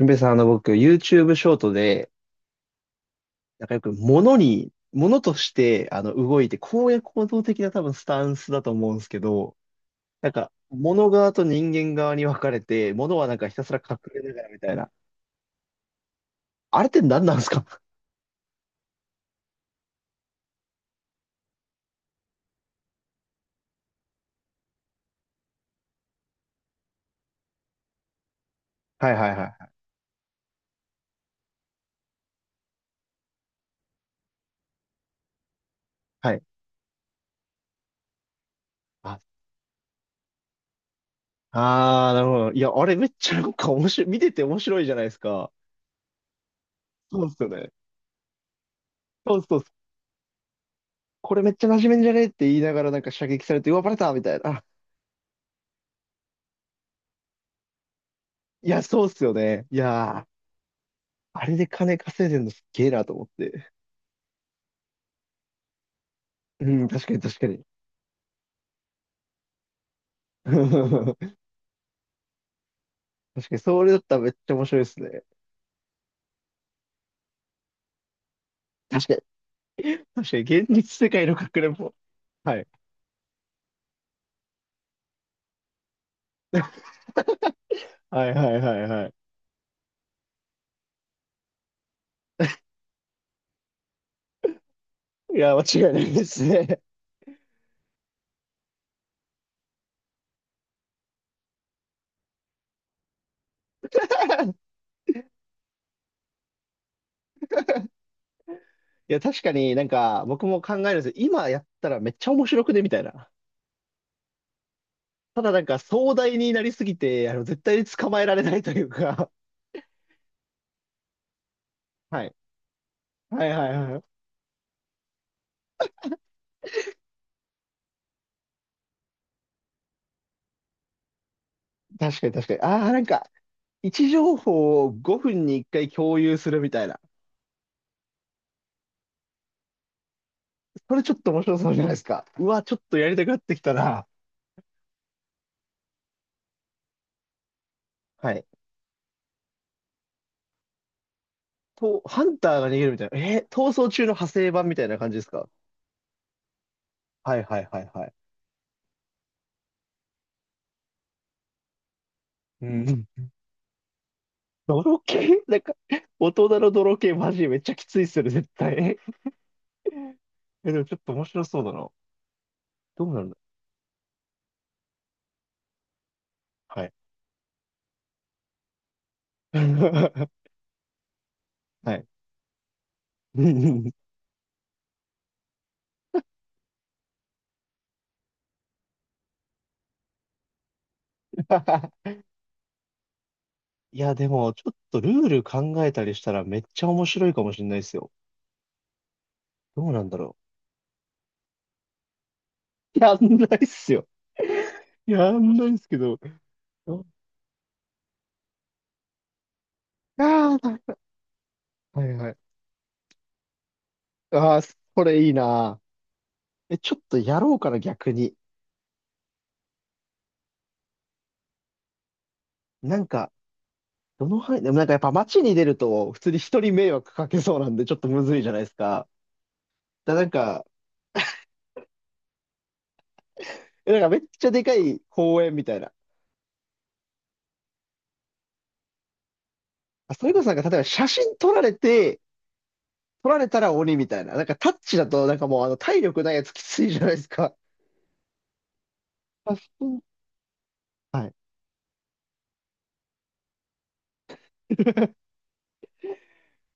ゆんべさん、僕、YouTube ショートで、なんかよく、物として、動いて、公約行動的な多分、スタンスだと思うんですけど、なんか、物側と人間側に分かれて、物はなんかひたすら隠れながらみたいな。あれって何なんですか？ はいはいはいはい。はい。あ、あー、なるほど。いや、あれめっちゃなんか面白い、見てて面白いじゃないですか。そうっすよね。そうそうっす。これめっちゃ馴染めんじゃねって言いながらなんか射撃されて、うわ、バレたみたいな。あいや、そうっすよね。いやー、あれで金稼いでるのすっげえなと思って。うん、確かに確かに。確かに、それだったらめっちゃ面白いですね。確かに、確かに、現実世界のかくれんぼ。はい。はいはいはいはい。いや、間違いないですね。いや、確かになんか、僕も考えるんですよ。今やったらめっちゃ面白くねみたいな。ただなんか、壮大になりすぎて、絶対に捕まえられないというか。はい。はいはいはい。確かに確かに。ああ、なんか、位置情報を5分に1回共有するみたいな。これちょっと面白そうじゃないですか。うわ、ちょっとやりたくなってきたな。はい。と、ハンターが逃げるみたいな。逃走中の派生版みたいな感じですか？はいはいはいはい。うん。泥系なんか、大人の泥系マジめっちゃきついっすよね、絶対。え、でもちょっと面白そうだな。どうなるんだ。はい。はい。いや、でも、ちょっとルール考えたりしたらめっちゃ面白いかもしれないですよ。どうなんだろう。やんないっすよ。やんないっすけど。ああー、はいはいはい。ああ、それいいな。え、ちょっとやろうかな、逆に。なんか、どの範囲、でもなんかやっぱ街に出ると、普通に人に迷惑かけそうなんで、ちょっとむずいじゃないですか。なんか、なんかめっちゃでかい公園みたいな。あ、それこそなんか、例えば写真撮られて、撮られたら鬼みたいな。なんかタッチだと、なんかもう体力ないやつきついじゃないですか。写真はい。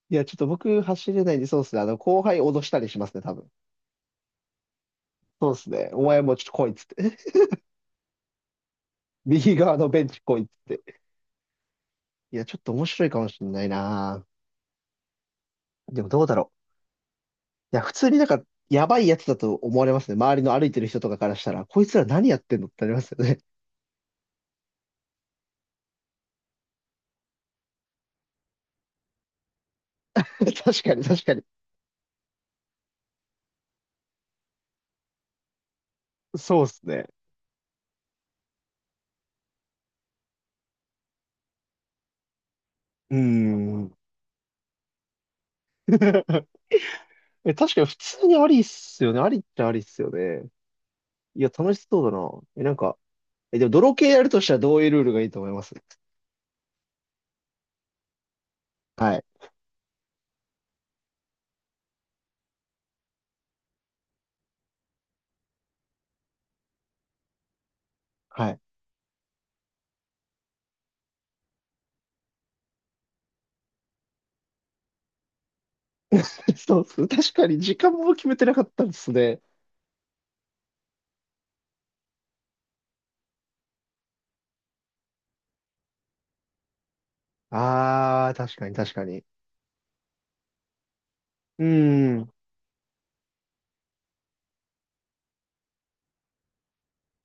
いや、ちょっと僕走れないんで、そうっすね。後輩脅したりしますね、多分。そうっすね。お前もうちょっと来いっつって。右側のベンチ来いっつって。いや、ちょっと面白いかもしれないな。でもどうだろう。いや、普通になんか、やばいやつだと思われますね。周りの歩いてる人とかからしたら、こいつら何やってんのってなりますよね。確かに、確かに。そうっすね。うーん。え、確かに普通にありっすよね。ありっちゃありっすよね。いや、楽しそうだな。え、なんか、でも泥系やるとしたらどういうルールがいいと思います？はい。はい。そうっす。確かに、時間も決めてなかったですね。あー、確かに、確かに。うーん。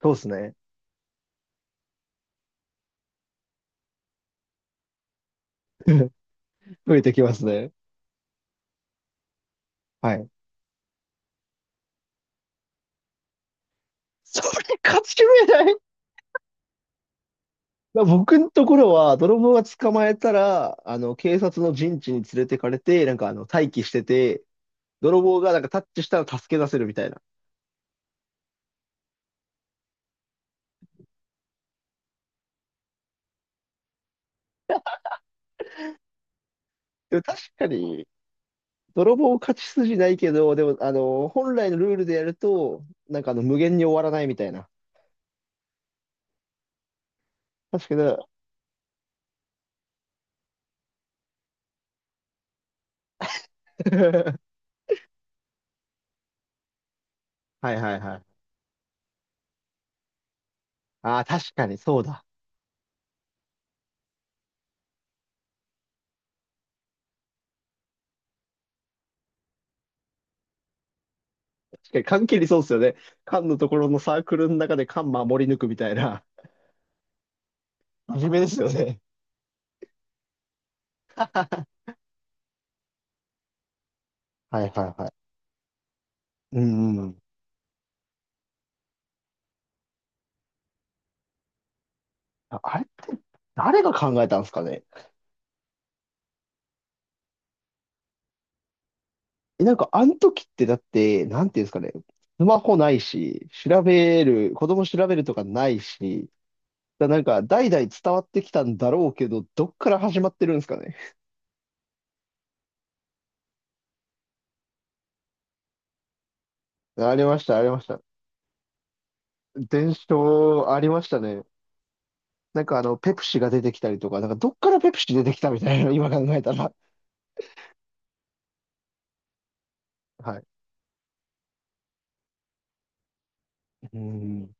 そうっすね。増えてきますね。はい。それ勝ち目ない。だ僕のところは、泥棒が捕まえたら、警察の陣地に連れてかれて、なんか待機してて、泥棒がなんかタッチしたら助け出せるみたいな。でも確かに、泥棒勝ち筋ないけど、でも、本来のルールでやると、なんか無限に終わらないみたいな。確かに。はいはいはい。ああ、確かにそうだ。確かに、缶切りそうですよね。缶のところのサークルの中で缶守り抜くみたいな。真面目ですよね。はいはいはい。うんうん。ああれ、誰が考えたんですかね。なんか、あの時ってだって、なんていうんですかね。スマホないし、調べる、子供調べるとかないし、だなんか、代々伝わってきたんだろうけど、どっから始まってるんですかね。ありました、ありました。伝承ありましたね。なんかペプシが出てきたりとか、なんかどっからペプシ出てきたみたいな、今考えたら。はい。うん。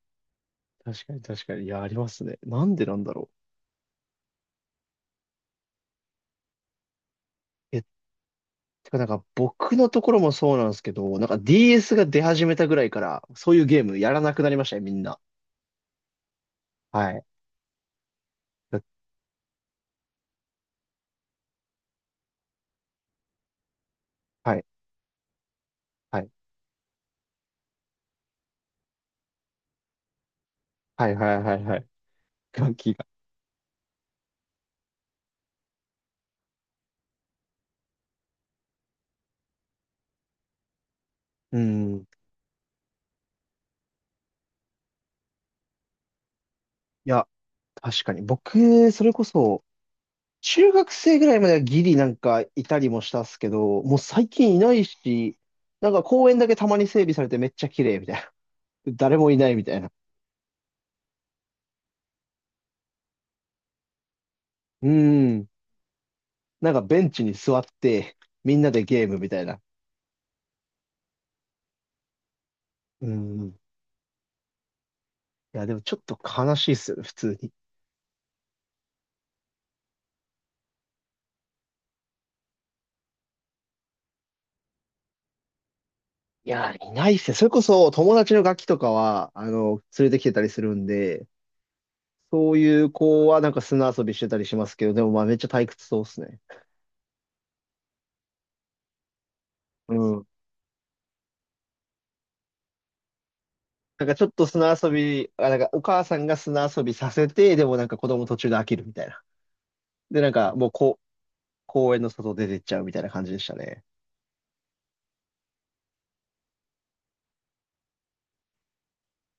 確かに確かに。いや、ありますね。なんでなんだろう。てかなんか僕のところもそうなんですけど、なんか DS が出始めたぐらいから、そういうゲームやらなくなりましたね、みんな。はい。はいはいはいはい。はいはい楽器が。うん。いや、確かに。僕、それこそ、中学生ぐらいまではギリなんかいたりもしたっすけど、もう最近いないし、なんか公園だけたまに整備されてめっちゃ綺麗みたいな。誰もいないみたいな。うん。なんかベンチに座って、みんなでゲームみたいな。うん。いや、でもちょっと悲しいっすよね、普通に。いや、いないっすね。それこそ友達のガキとかは、連れてきてたりするんで、そういう子はなんか砂遊びしてたりしますけど、でもまあめっちゃ退屈そうっすね。うん。なんかちょっと砂遊び、あ、なんかお母さんが砂遊びさせて、でもなんか子供途中で飽きるみたいな。で、なんかもうこう、公園の外出てっちゃうみたいな感じでしたね。